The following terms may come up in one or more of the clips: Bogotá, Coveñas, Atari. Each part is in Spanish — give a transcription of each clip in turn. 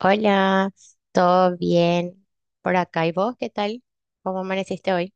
Hola, ¿todo bien por acá? ¿Y vos qué tal? ¿Cómo amaneciste hoy?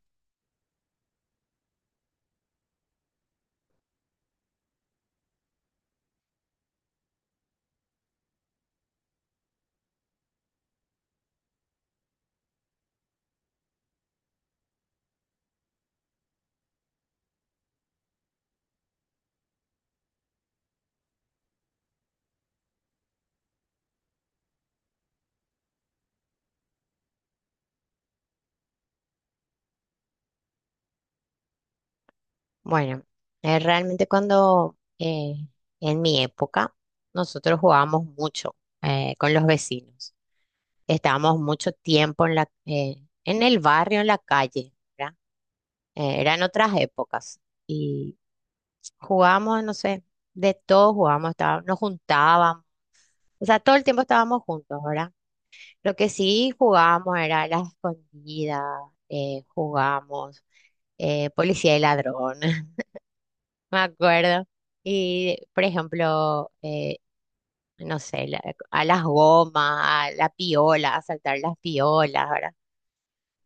Bueno, realmente cuando en mi época nosotros jugábamos mucho con los vecinos. Estábamos mucho tiempo en en el barrio, en la calle, ¿verdad? Eran otras épocas y jugábamos, no sé, de todo jugábamos, nos juntábamos. O sea, todo el tiempo estábamos juntos, ¿verdad? Lo que sí jugábamos era la escondida, jugábamos policía y ladrón, me acuerdo. Y, por ejemplo, no sé, a las gomas, a la piola, a saltar las piolas, ¿verdad?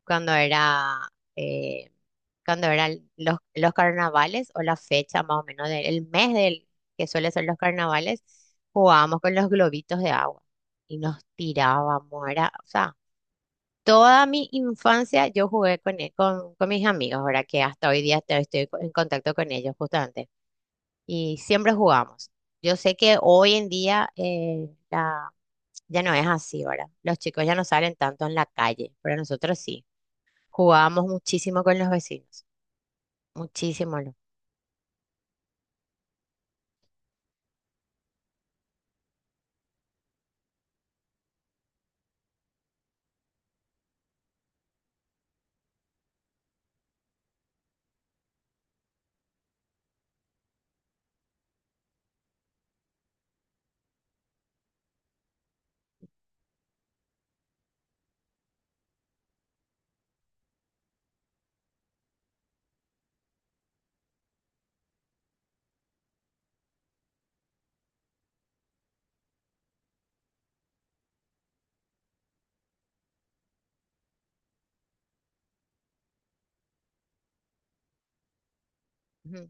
Cuando era, eh, cuando eran los carnavales o la fecha más o menos del mes del que suele ser los carnavales, jugábamos con los globitos de agua y nos tirábamos, era, o sea. Toda mi infancia yo jugué con mis amigos, ahora que hasta hoy día en contacto con ellos justamente. Y siempre jugamos. Yo sé que hoy en día ya no es así, ¿verdad? Los chicos ya no salen tanto en la calle, pero nosotros sí. Jugábamos muchísimo con los vecinos. Muchísimo, lo- ujú,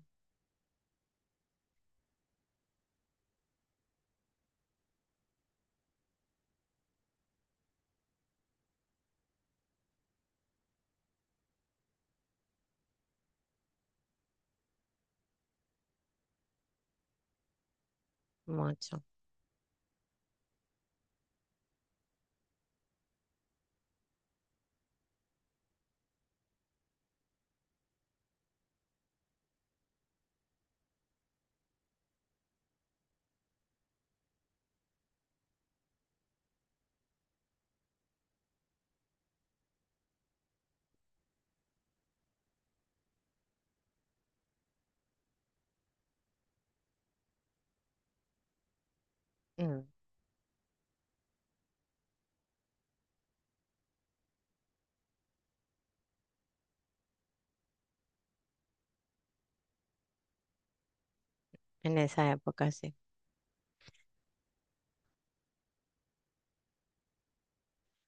mucho. Mm, en esa época, sí.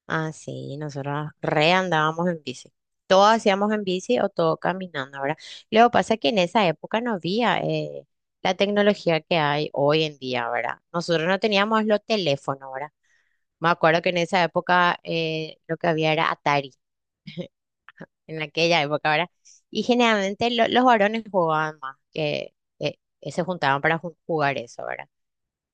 Ah, sí, nosotros re andábamos en bici. Todo hacíamos en bici o todo caminando, ¿verdad? Luego pasa que en esa época no había la tecnología que hay hoy en día, ¿verdad? Nosotros no teníamos los teléfonos, ¿verdad? Me acuerdo que en esa época lo que había era Atari, en aquella época, ¿verdad? Y generalmente los varones jugaban más, que se juntaban para jugar eso, ¿verdad?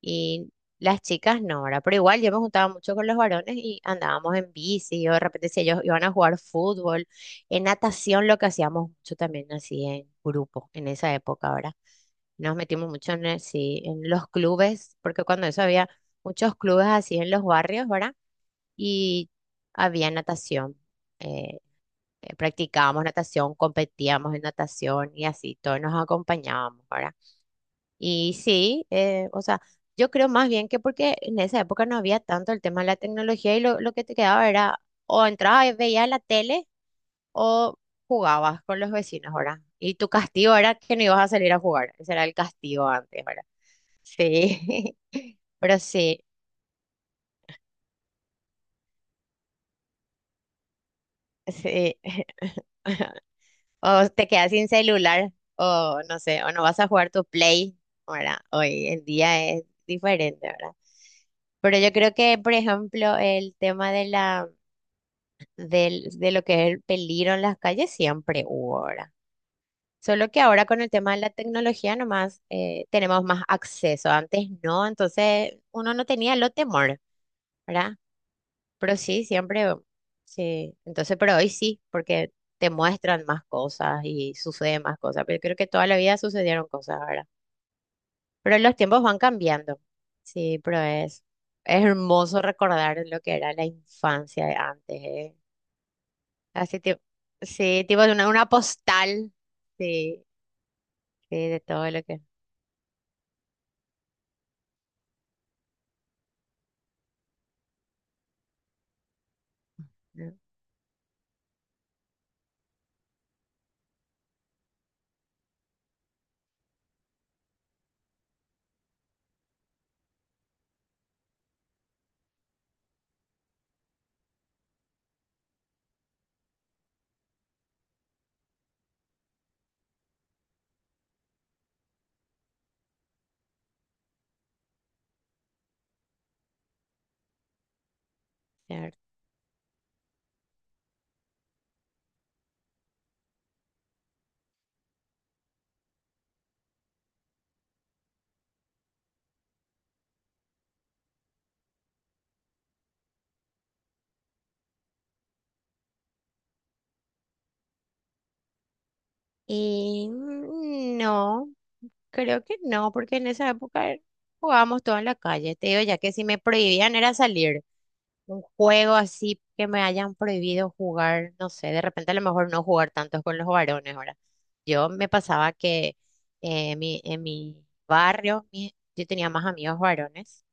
Y las chicas no, ¿verdad? Pero igual yo me juntaba mucho con los varones y andábamos en bici, o de repente si ellos iban a jugar fútbol, en natación lo que hacíamos mucho también así en grupo, en esa época, ¿verdad? Nos metimos mucho en, sí, en los clubes, porque cuando eso había muchos clubes así en los barrios, ¿verdad? Y había natación, eh, practicábamos natación, competíamos en natación y así, todos nos acompañábamos, ¿verdad? Y sí, o sea, yo creo más bien que porque en esa época no había tanto el tema de la tecnología y lo que te quedaba era o entrabas y veías la tele o jugabas con los vecinos, ¿verdad? Y tu castigo era que no ibas a salir a jugar, ese era el castigo antes, ¿verdad? Sí, pero sí, sí. O te quedas sin celular, o no sé, o no vas a jugar tu Play, ¿verdad? Hoy el día es diferente, ¿verdad? Pero yo creo que, por ejemplo, el tema de del, de lo que es el peligro en las calles siempre hubo, ¿verdad? Solo que ahora con el tema de la tecnología nomás tenemos más acceso. Antes no, entonces uno no tenía lo temor, ¿verdad? Pero sí, siempre, sí. Entonces, pero hoy sí, porque te muestran más cosas y suceden más cosas. Pero creo que toda la vida sucedieron cosas ahora. Pero los tiempos van cambiando. Sí, pero es hermoso recordar lo que era la infancia de antes, ¿eh? Así tipo, sí, tipo de una postal. Sí, sí, de todo lo que... ¿no? Cierto. Y mm, no, creo que no, porque en esa época jugábamos todo en la calle. Te digo, ya que si me prohibían era salir. Un juego así que me hayan prohibido jugar, no sé, de repente a lo mejor no jugar tanto con los varones ahora. Yo me pasaba que en mi barrio yo tenía más amigos varones,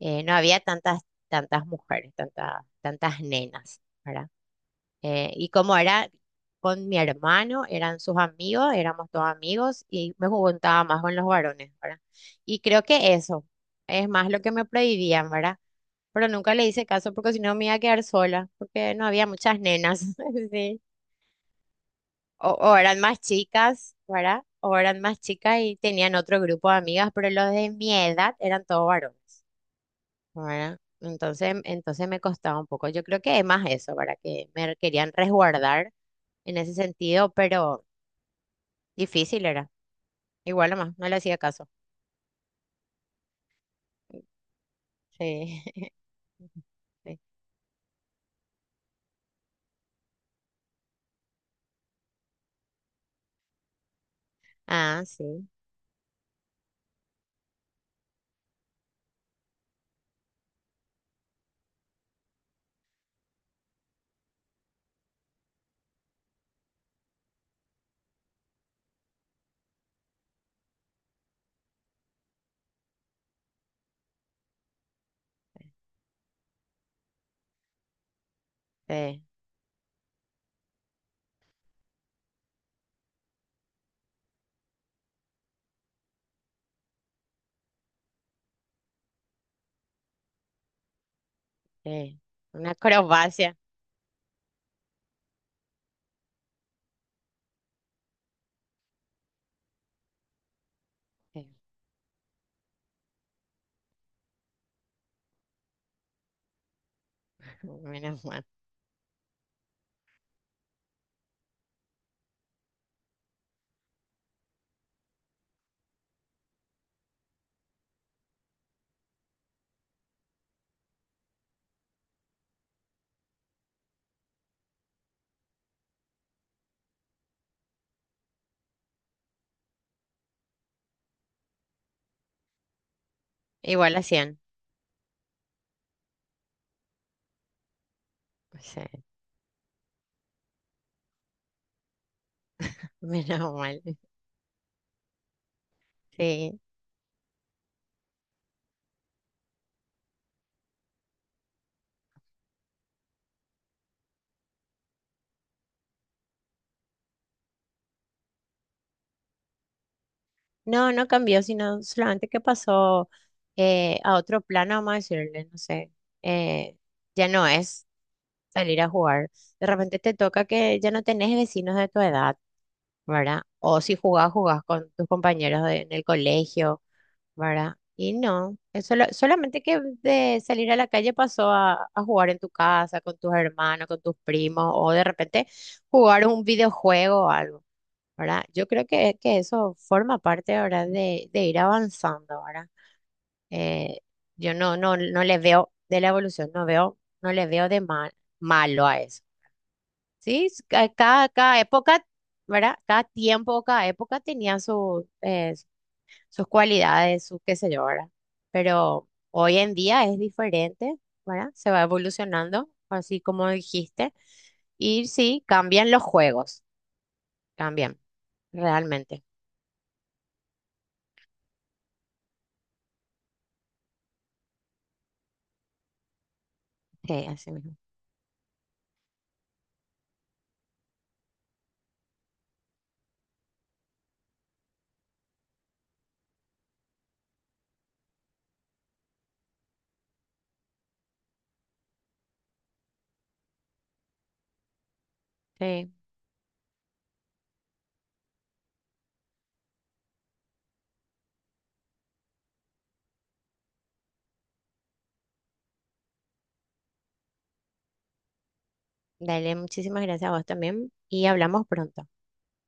no había tantas mujeres, tantas nenas, ¿verdad? Y como era con mi hermano, eran sus amigos, éramos todos amigos y me juntaba más con los varones, ¿verdad? Y creo que eso es más lo que me prohibían, ¿verdad? Pero nunca le hice caso porque si no me iba a quedar sola, porque no había muchas nenas, sí. O eran más chicas, ¿verdad? O eran más chicas y tenían otro grupo de amigas, pero los de mi edad eran todos varones, ¿verdad? Entonces, entonces me costaba un poco. Yo creo que es más eso, ¿verdad? Que me querían resguardar en ese sentido, pero difícil era. Igual nomás, no le hacía caso. Sí. Sí. Ah, sí, sí, sí. Una acrobacia. Sí. Menos mal. Igual hacían. O sea, menos mal. Sí. No, no cambió, sino solamente que pasó a otro plano, vamos a decirle, no sé. Eh, ya no es salir a jugar. De repente te toca que ya no tenés vecinos de tu edad, ¿verdad? O si jugás, jugás con tus compañeros en el colegio ¿verdad? Y no, es solamente que de salir a la calle pasó a jugar en tu casa, con tus hermanos, con tus primos, o de repente jugar un videojuego o algo, ¿verdad? Yo creo que eso forma parte ahora de ir avanzando, ¿verdad? Eh, yo no le veo de la evolución, no veo, no le veo de mal, malo a eso. Sí, es cada, cada época, ¿verdad? Cada tiempo, cada época tenía sus sus cualidades, su qué sé yo, ¿verdad? Pero hoy en día es diferente, ¿verdad? Se va evolucionando, así como dijiste, y sí, cambian los juegos, cambian, realmente. Sí, así mismo. Sí, dale, muchísimas gracias a vos también y hablamos pronto.